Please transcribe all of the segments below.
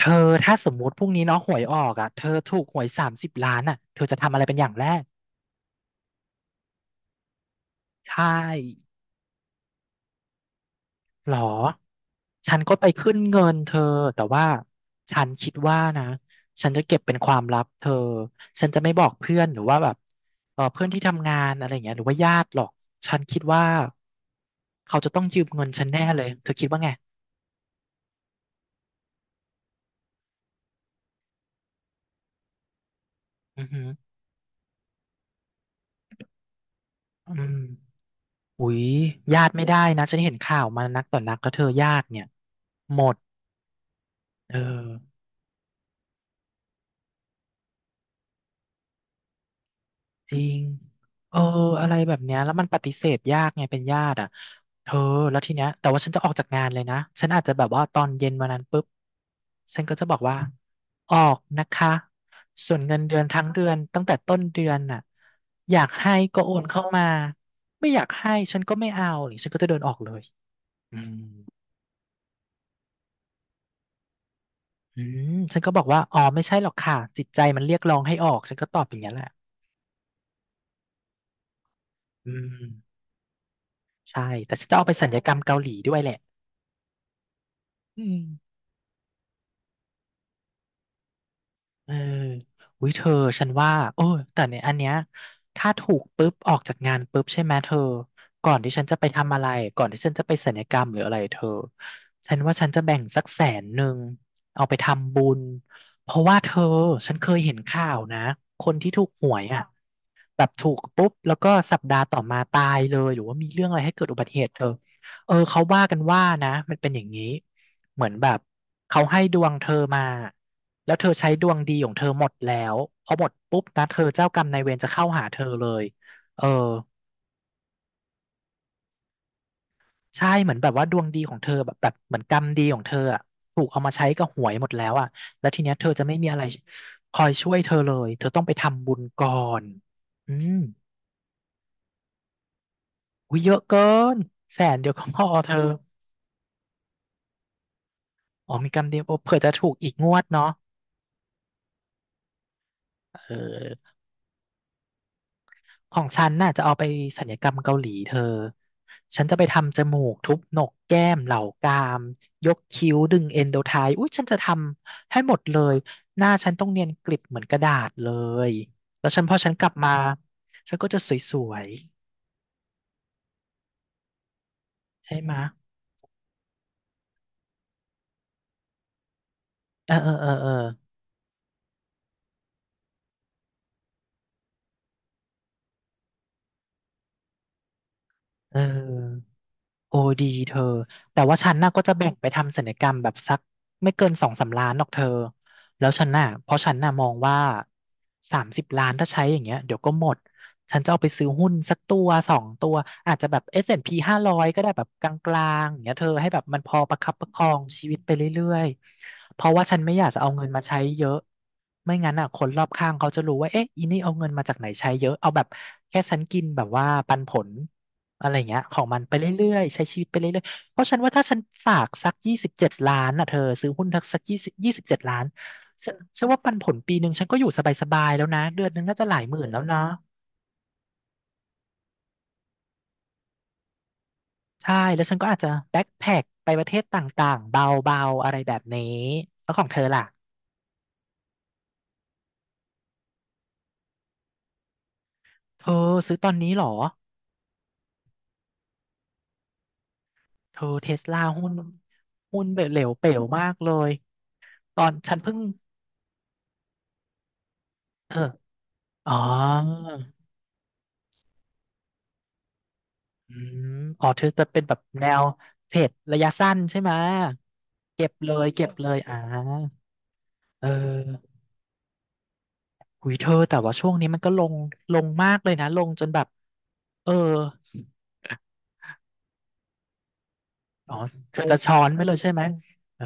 เธอถ้าสมมติพรุ่งนี้เนาะหวยออกอ่ะเธอถูกหวยสามสิบล้านอ่ะเธอจะทำอะไรเป็นอย่างแรกใช่หรอฉันก็ไปขึ้นเงินเธอแต่ว่าฉันคิดว่านะฉันจะเก็บเป็นความลับเธอฉันจะไม่บอกเพื่อนหรือว่าแบบเออเพื่อนที่ทำงานอะไรอย่างเงี้ยหรือว่าญาติหรอกฉันคิดว่าเขาจะต้องยืมเงินฉันแน่เลยเธอคิดว่าไงอือหืออืมอุ๊ยญาติไม่ได้นะฉันเห็นข่าวมานักต่อนักก็เธอญาติเนี่ยหมดเออ จริงเอออะไรแบบเนี้ยแล้วมันปฏิเสธยากไงเป็นญาติอ่ะเธอแล้วทีเนี้ยแต่ว่าฉันจะออกจากงานเลยนะฉันอาจจะแบบว่าตอนเย็นวันนั้นปุ๊บฉันก็จะบอกว่า ออกนะคะ ส่วนเงินเดือนทั้งเดือนตั้งแต่ต้นเดือนน่ะอยากให้ก็โอนเข้ามา ไม่อยากให้ฉันก็ไม่เอาหรือฉันก็จะเดินออกเลยอืมอืมฉันก็บอกว่าอ๋อไม่ใช่หรอกค่ะจิตใจมันเรียกร้องให้ออกฉันก็ตอบอย่างนี้ยแหละอืมใช่แต่ฉันจะเอาไปสัญญกรรมเกาหลีด้วยแหละอืม เอออุ้ยเธอฉันว่าโอ้ยแต่ในอันเนี้ยถ้าถูกปุ๊บออกจากงานปุ๊บใช่ไหมเธอก่อนที่ฉันจะไปทำอะไรก่อนที่ฉันจะไปศัลยกรรมหรืออะไรเธอฉันว่าฉันจะแบ่งสักแสนหนึ่งเอาไปทำบุญเพราะว่าเธอฉันเคยเห็นข่าวนะ คนที่ถูกหวยอ่ะแบบถูกปุ๊บแล้วก็สัปดาห์ต่อมาตายเลยหรือว่ามีเรื่องอะไรให้เกิดอุบัติเหตุเธอเออเขาว่ากันว่านะมันเป็นอย่างนี้ เหมือนแบบเขาให้ดวงเธอมาแล้วเธอใช้ดวงดีของเธอหมดแล้วพอหมดปุ๊บนะเธอเจ้ากรรมนายเวรจะเข้าหาเธอเลยเออใช่เหมือนแบบว่าดวงดีของเธอแบบเหมือนกรรมดีของเธออะถูกเอามาใช้กับหวยหมดแล้วอะแล้วทีเนี้ยเธอจะไม่มีอะไรคอยช่วยเธอเลยเธอต้องไปทำบุญก่อนอืมอุ้ยเยอะเกินแสนเดียวก็พอเธออ๋อมีกรรมเดียวโอ้เผื่อจะถูกอีกงวดเนาะเออ ของฉันน่ะจะเอาไปศัลยกรรมเกาหลีเธอ ฉันจะไปทำจมูกทุบโหนกแก้มเหล่ากรามยกคิ้วดึงเอนโดไทป์อุ้ยฉันจะทำให้หมดเลยหน้าฉันต้องเนียนกริบเหมือนกระดาษเลยแล้วฉันพอฉันกลับมาฉันก็จะสวยๆใช่ไหมะเออเออเออเออเออ โอ้ดีเธอแต่ว่าฉันน่ะก็จะแบ่งไปทำศัลยกรรมแบบสักไม่เกินสองสามล้านหรอกเธอแล้วฉันน่ะเพราะฉันน่ะมองว่าสามสิบล้านถ้าใช้อย่างเงี้ยเดี๋ยวก็หมดฉันจะเอาไปซื้อหุ้นสักตัวสองตัวอาจจะแบบ S&P 500ก็ได้แบบกลางๆอย่างเงี้ยเธอให้แบบมันพอประคับประคองชีวิตไปเรื่อยๆเพราะว่าฉันไม่อยากจะเอาเงินมาใช้เยอะไม่งั้นอ่ะคนรอบข้างเขาจะรู้ว่าเอ๊ะอีนี่เอาเงินมาจากไหนใช้เยอะเอาแบบแค่ฉันกินแบบว่าปันผล อะไรอย่างเงี้ยของมันไปเรื่อยๆใช้ชีวิตไปเรื่อยๆเพราะฉันว่าถ้าฉันฝากสักยี่สิบเจ็ดล้านอ่ะเธอซื้อหุ้นทักสักยี่สิบเจ็ดล้านฉันว่าปันผลปีหนึ่งฉันก็อยู่สบายๆแล้วนะเดือนหนึงน่าจะหลายหมื่นแล้วเนาะใช่แล้วฉันก็อาจจะแบ็คแพ็คไปประเทศต่างๆเบาๆอะไรแบบนี้แล้วของเธอล่ะเธอซื้อตอนนี้เหรอเธอเทสลาหุ้นหุ้นเหลวเป๋วมากเลยตอนฉันเพิ่งเอออ๋อ อืมอ๋อเธอจะเป็นแบบแนวเพจระยะสั้นใช่ไหมเก็บเลยเก็บเลยอ่าเออหุยเธอแต่ว่าช่วงนี้มันก็ลงมากเลยนะลงจนแบบเอออ๋อเธอจะช้อนไปเลยใช่ไหมเออ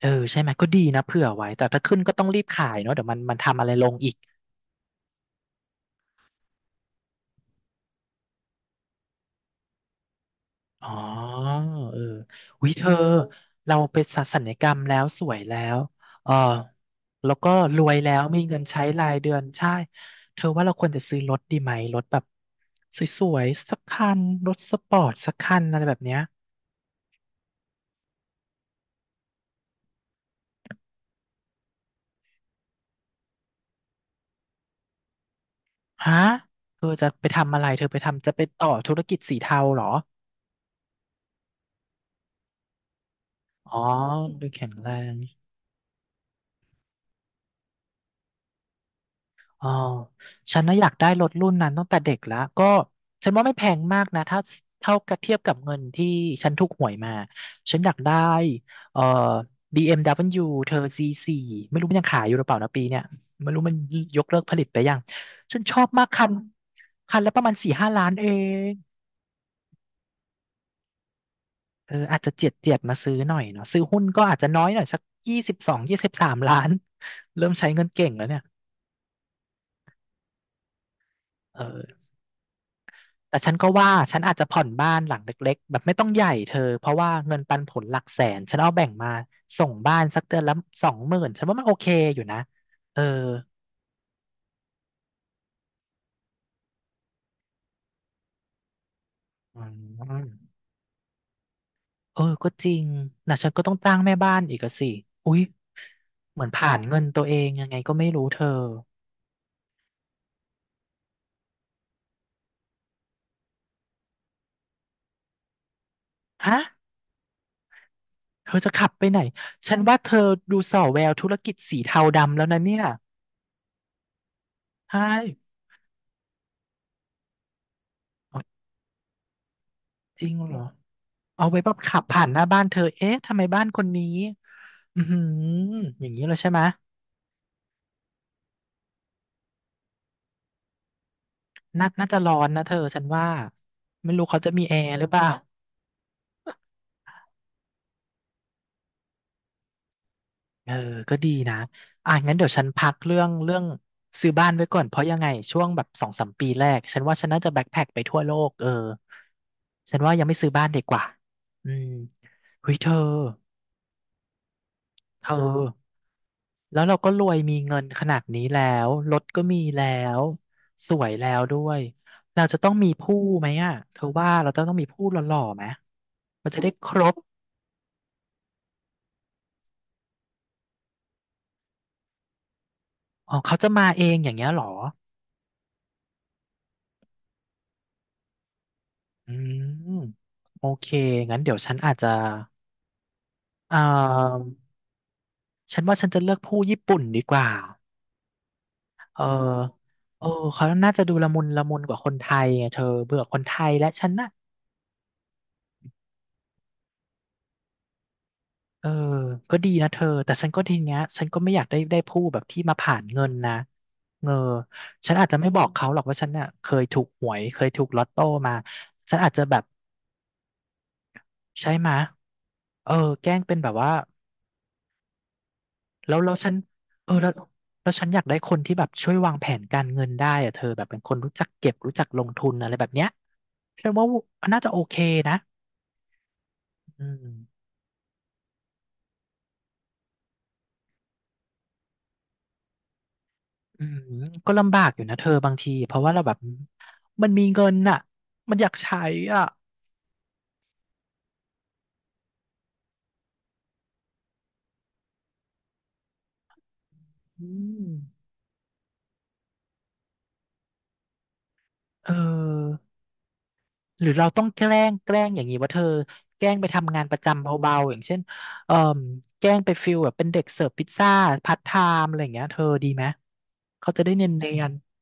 เออใช่ไหมก็ดีนะเผื่อไว้แต่ถ้าขึ้นก็ต้องรีบขายเนาะเดี๋ยวมันทำอะไรลงอีก อ๋อเออวิเธอเราไปสัลยกรรมแล้วสวยแล้วเออแล้วก็รวยแล้วมีเงินใช้รายเดือนใช่เธอว่าเราควรจะซื้อรถดีไหมรถแบบสวยๆสักคันรถสปอร์ตสักคันอะไรแบบเนี้ยฮะเธอจะไปทำอะไรเธอไปทำจะไปต่อธุรกิจสีเทาเหรออ๋อดูแข็งแรง อ๋อ ฉันน่ะอยากได้รถรุ่นนั้นตั้งแต่เด็กแล้ว ก็ฉันว่าไม่แพงมากนะถ้าเท่ากับเทียบกับเงินที่ฉันถูกหวยมา ฉันอยากได้เอ่อ BMW เอ็มดับเบิลยูเธอ C4 ไม่รู้มันยังขายอยู่หรือเปล่านะปีเนี่ยไม่รู้มันยกเลิกผลิตไปยังฉันชอบมากคัน คันละประมาณ4-5 ล้านเองเอออาจจะเจียดเจียดมาซื้อหน่อยเนาะซื้อหุ้นก็อาจจะน้อยหน่อยสัก22-23 ล้านเริ่มใช้เงินเก่งแล้วเนี่ยเออ แต่ฉันก็ว่าฉันอาจจะผ่อนบ้านหลังเล็กๆแบบไม่ต้องใหญ่เธอเพราะว่าเงินปันผลหลักแสนฉันเอาแบ่งมาส่งบ้านสักเดือนละ20,000ฉันว่ามันโอเคอยู่นะเอออืมเออก็จริงนะฉันก็ต้องจ้างแม่บ้านอีกอะสิอุ๊ยเหมือนผ่านเงินตัวเองยังไงก็ไม่รู้เธอฮะเธอจะขับไปไหนฉันว่าเธอดูส่อแววธุรกิจสีเทาดำแล้วนะเนี่ยใช่อ๋อจริงเหรอ เอาไว้แบบขับผ่านหน้าบ้านเธอเอ๊ะทำไมบ้านคนนี้อือหืออย่างนี้เลยใช่ไหมน่าจะร้อนนะเธอฉันว่าไม่รู้เขาจะมีแอร์หรือเปล่าเออก็ดีนะอ่ะงั้นเดี๋ยวฉันพักเรื่องซื้อบ้านไว้ก่อน เพราะยังไงช่วงแบบ2-3 ปีแรกฉันว่าฉันน่าจะแบ็คแพ็คไปทั่วโลกเออฉันว่ายังไม่ซื้อบ้านดีกว่าอืมเฮ้ยเธอ แล้วเราก็รวยมีเงินขนาดนี้แล้วรถก็มีแล้วสวยแล้วด้วยเราจะต้องมีผู้ไหมอ่ะเธอว่าเราจะต้องมีผู้หล่อๆไหมมันจะได้ครบอ๋อเขาจะมาเองอย่างเงี้ยเหรออืมโอเคงั้นเดี๋ยวฉันอาจจะเอ่อฉันว่าฉันจะเลือกผู้ญี่ปุ่นดีกว่าเออเออเขาน่าจะดูละมุนละมุนกว่าคนไทยไงเธอเบื่อคนไทยและฉันน่ะ เออก็ดีนะเธอแต่ฉันก็ทีเนี้ยฉันก็ไม่อยากได้ผู้แบบที่มาผ่านเงินนะเออฉันอาจจะไม่บอกเขาหรอกว่าฉันเนี่ยเคยถูกหวยเคยถูกลอตโต้มาฉันอาจจะแบบใช่ไหมะเออแกล้งเป็นแบบว่าแล้วฉันเออแล้วฉันอยากได้คนที่แบบช่วยวางแผนการเงินได้อะเธอแบบเป็นคนรู้จักเก็บรู้จักลงทุนอะไรแบบเนี้ยฉันว่าน่าจะโอเคนะอืมอืมก็ลำบากอยู่นะเธอบางทีเพราะว่าเราแบบมันมีเงินน่ะมันอยากใช้อ่ะ อืมเออหรือเราต้องแกล้งอย่างนี้ว่าเธอแกล้งไปทำงานประจำเบาๆอย่างเช่นเออแกล้งไปฟิลแบบเป็นเด็กเสิร์ฟพิซซ่าพาร์ทไทม์อะไรอย่างเงี้ยเธอดีไหมเขาจะได้เนียนเ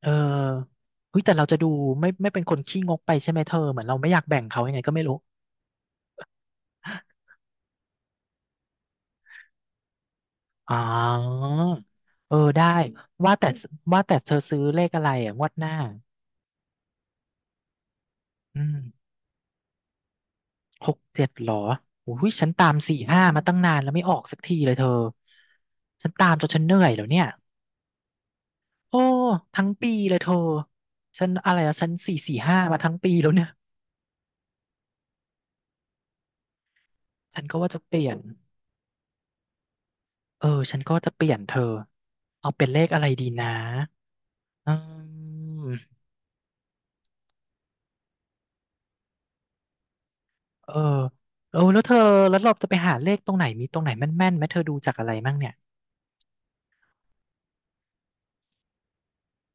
เออเฮ้ยแต่เราจะดูไม่เป็นคนขี้งกไปใช่ไหมเธอเหมือนเราไม่อยากแบ่งเขายังไงก็ไม่รู้อ๋อเออได้ว่าแต่ว่าแต่เธอซื้อเลขอะไรอ่ะงวดหน้าอืม 67หรอโอ้ยฉันตามสี่ห้ามาตั้งนานแล้วไม่ออกสักทีเลยเธอฉันตามจนฉันเหนื่อยแล้วเนี่ยโอ้ทั้งปีเลยเธอฉันอะไรอะฉันสี่ห้ามาทั้งปีแล้วเนี่ยฉันก็ว่าจะเปลี่ยนเออฉันก็จะเปลี่ยนเธอเอาเป็นเลขอะไรดีนะอืมเออเออแล้วเธอแล้วเราจะไปหาเลขตรงไหนมีตรงไหนแม่นๆไหมเธอดูจากอะไรมั่งเนี่ย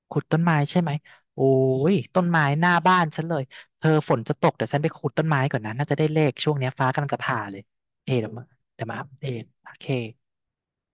ขุดต้นไม้ใช่ไหม โอ้ย ต้นไม้หน้าบ้านฉันเลย เธอฝนจะตกเดี๋ยวฉันไปขุดต้นไม้ก่อนนะน่าจะได้เลขช่วงเนี้ยฟ้ากำลังจะผ่าเลยเอเดี๋ยวมา เดี๋ยวมาอัปเดตโอเค